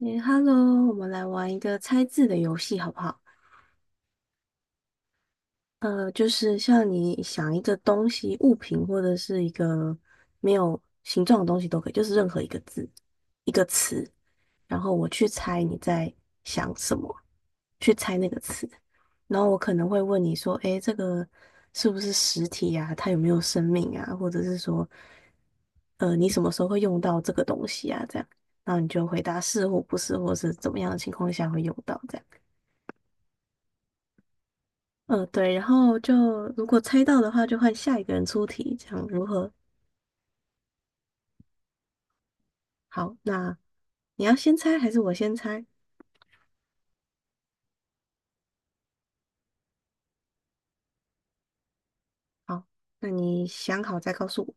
诶，Hello，我们来玩一个猜字的游戏，好不好？就是像你想一个东西、物品或者是一个没有形状的东西都可以，就是任何一个字、一个词，然后我去猜你在想什么，去猜那个词，然后我可能会问你说，诶，这个是不是实体呀？它有没有生命啊？或者是说，你什么时候会用到这个东西啊？这样，然后你就回答是或不是，或是怎么样的情况下会用到这样。嗯，对，然后就如果猜到的话，就换下一个人出题，这样如何？好，那你要先猜还是我先猜？好，那你想好再告诉我。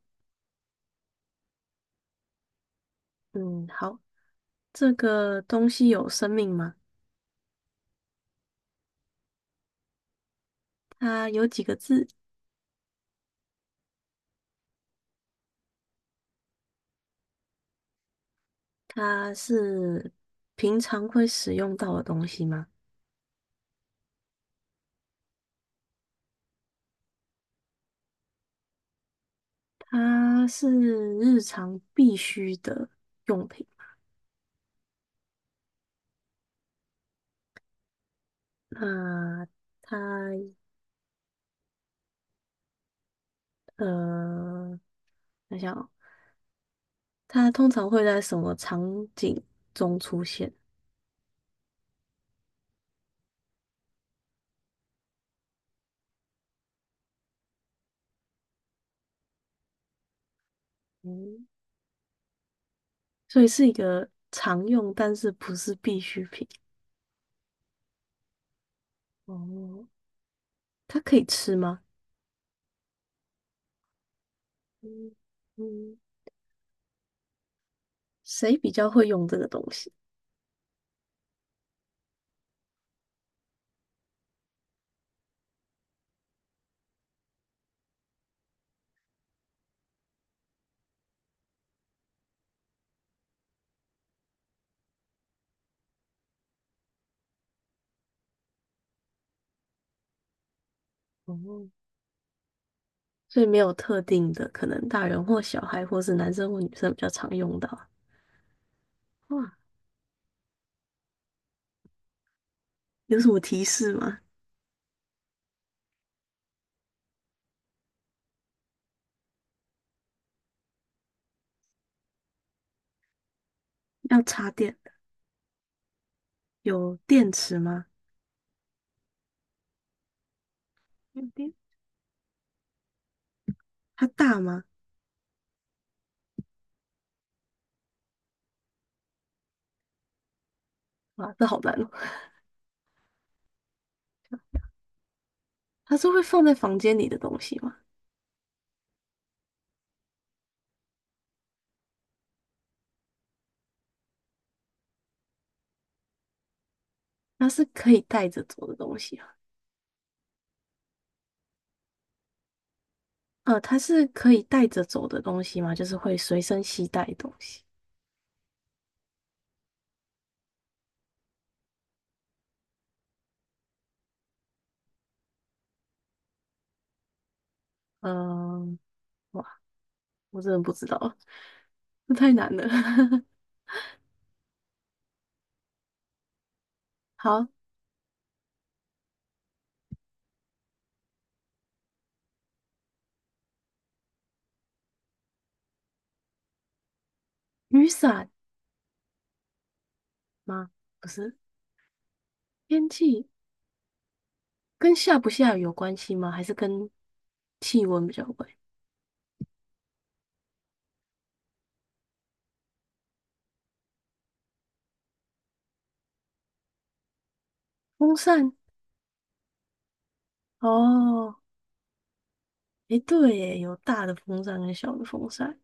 嗯，好，这个东西有生命吗？它有几个字？它是平常会使用到的东西吗？它是日常必须的用品。那它呃，想想哦，它通常会在什么场景？嗯。所以是一个常用，但是不是必需品。哦，它可以吃吗？嗯嗯，谁比较会用这个东西？哦，所以没有特定的，可能大人或小孩，或是男生或女生比较常用到啊。哇，有什么提示吗？要插电，有电池吗？有电。它大吗？哇，这好难哦。它是会放在房间里的东西吗？它是可以带着走的东西啊？呃，它是可以带着走的东西吗？就是会随身携带的东西。嗯、哇，我真的不知道，这太难了。好，雨伞吗？不是，天气跟下不下雨有关系吗？还是跟气温比较有关系。风扇。哦，诶，对耶，有大的风扇跟小的风扇。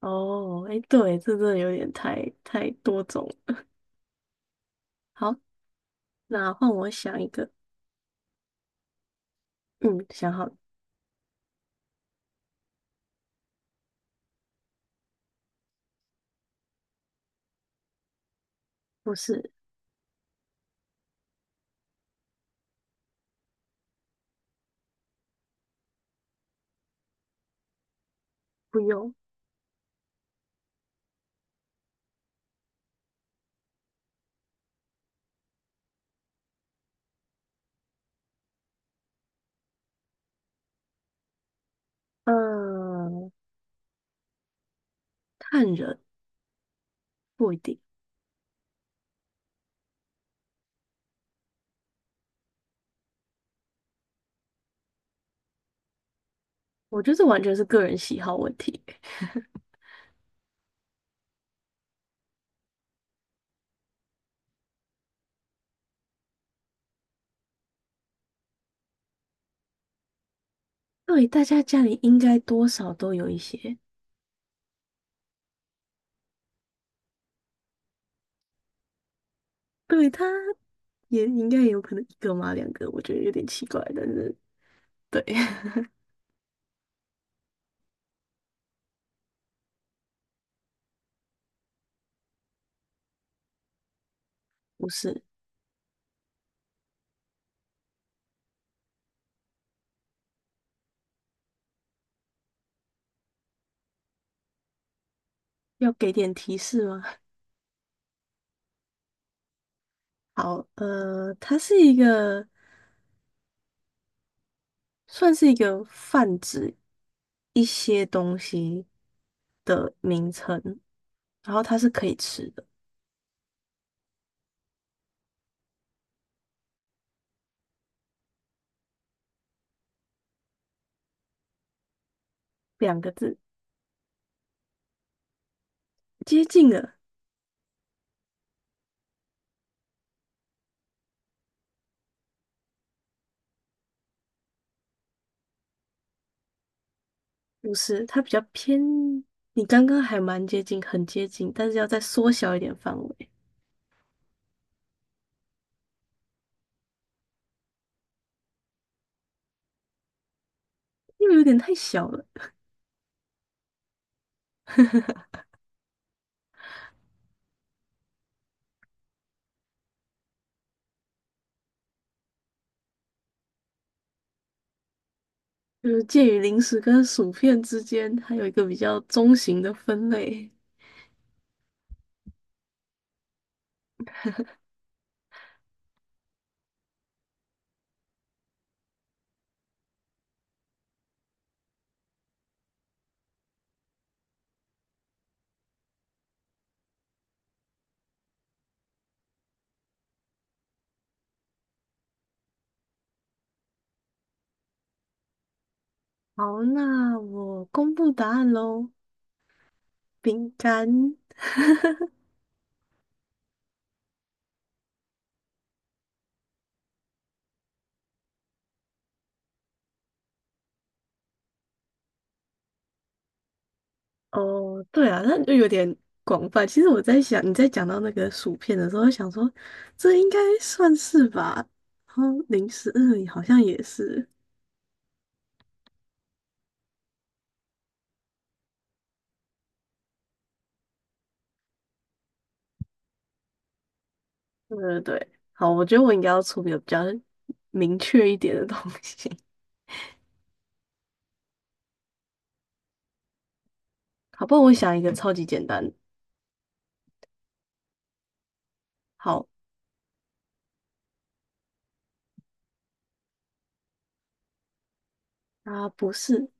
哦，诶，对，这真的有点太多种了。好，那换我想一个，嗯，想好了。不是，不用，嗯，看人，不一定，我觉得这完全是个人喜好问题。对，大家家里应该多少都有一些，对，他也应该有可能一个嘛，两个，我觉得有点奇怪，但是对，不是，要给点提示吗？好，呃，它是一个算是一个泛指一些东西的名称，然后它是可以吃的。两个字，接近了，不是，它比较偏。你刚刚还蛮接近，很接近，但是要再缩小一点范围，因为有点太小了。就是介于零食跟薯片之间，还有一个比较中型的分类。好，那我公布答案喽。饼干，哦，对啊，那就有点广泛。其实我在想，你在讲到那个薯片的时候，我想说这应该算是吧。然后零食，嗯，好像也是。对 对对，好，我觉得我应该要出比较明确一点的东西。好，不然我想一个超级简单的。好，啊，不是，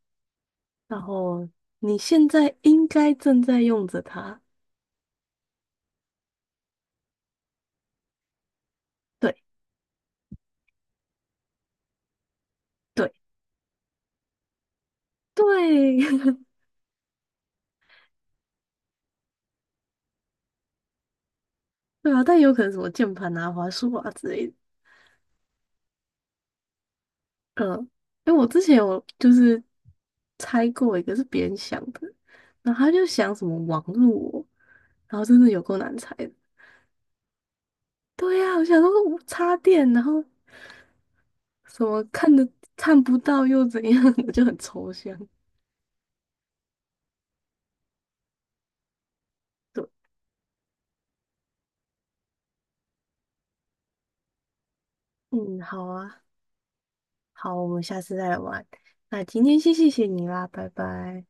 然后你现在应该正在用着它。对对对，对啊，但有可能什么键盘啊、滑鼠啊之类的。嗯，因为我之前有就是猜过一个是别人想的，然后他就想什么网络哦，然后真的有够难猜的。对呀、我想说我插电，然后什么看的看不到又怎样，我就很抽象。对，嗯，好啊，好，我们下次再来玩。那今天先谢谢你啦，拜拜。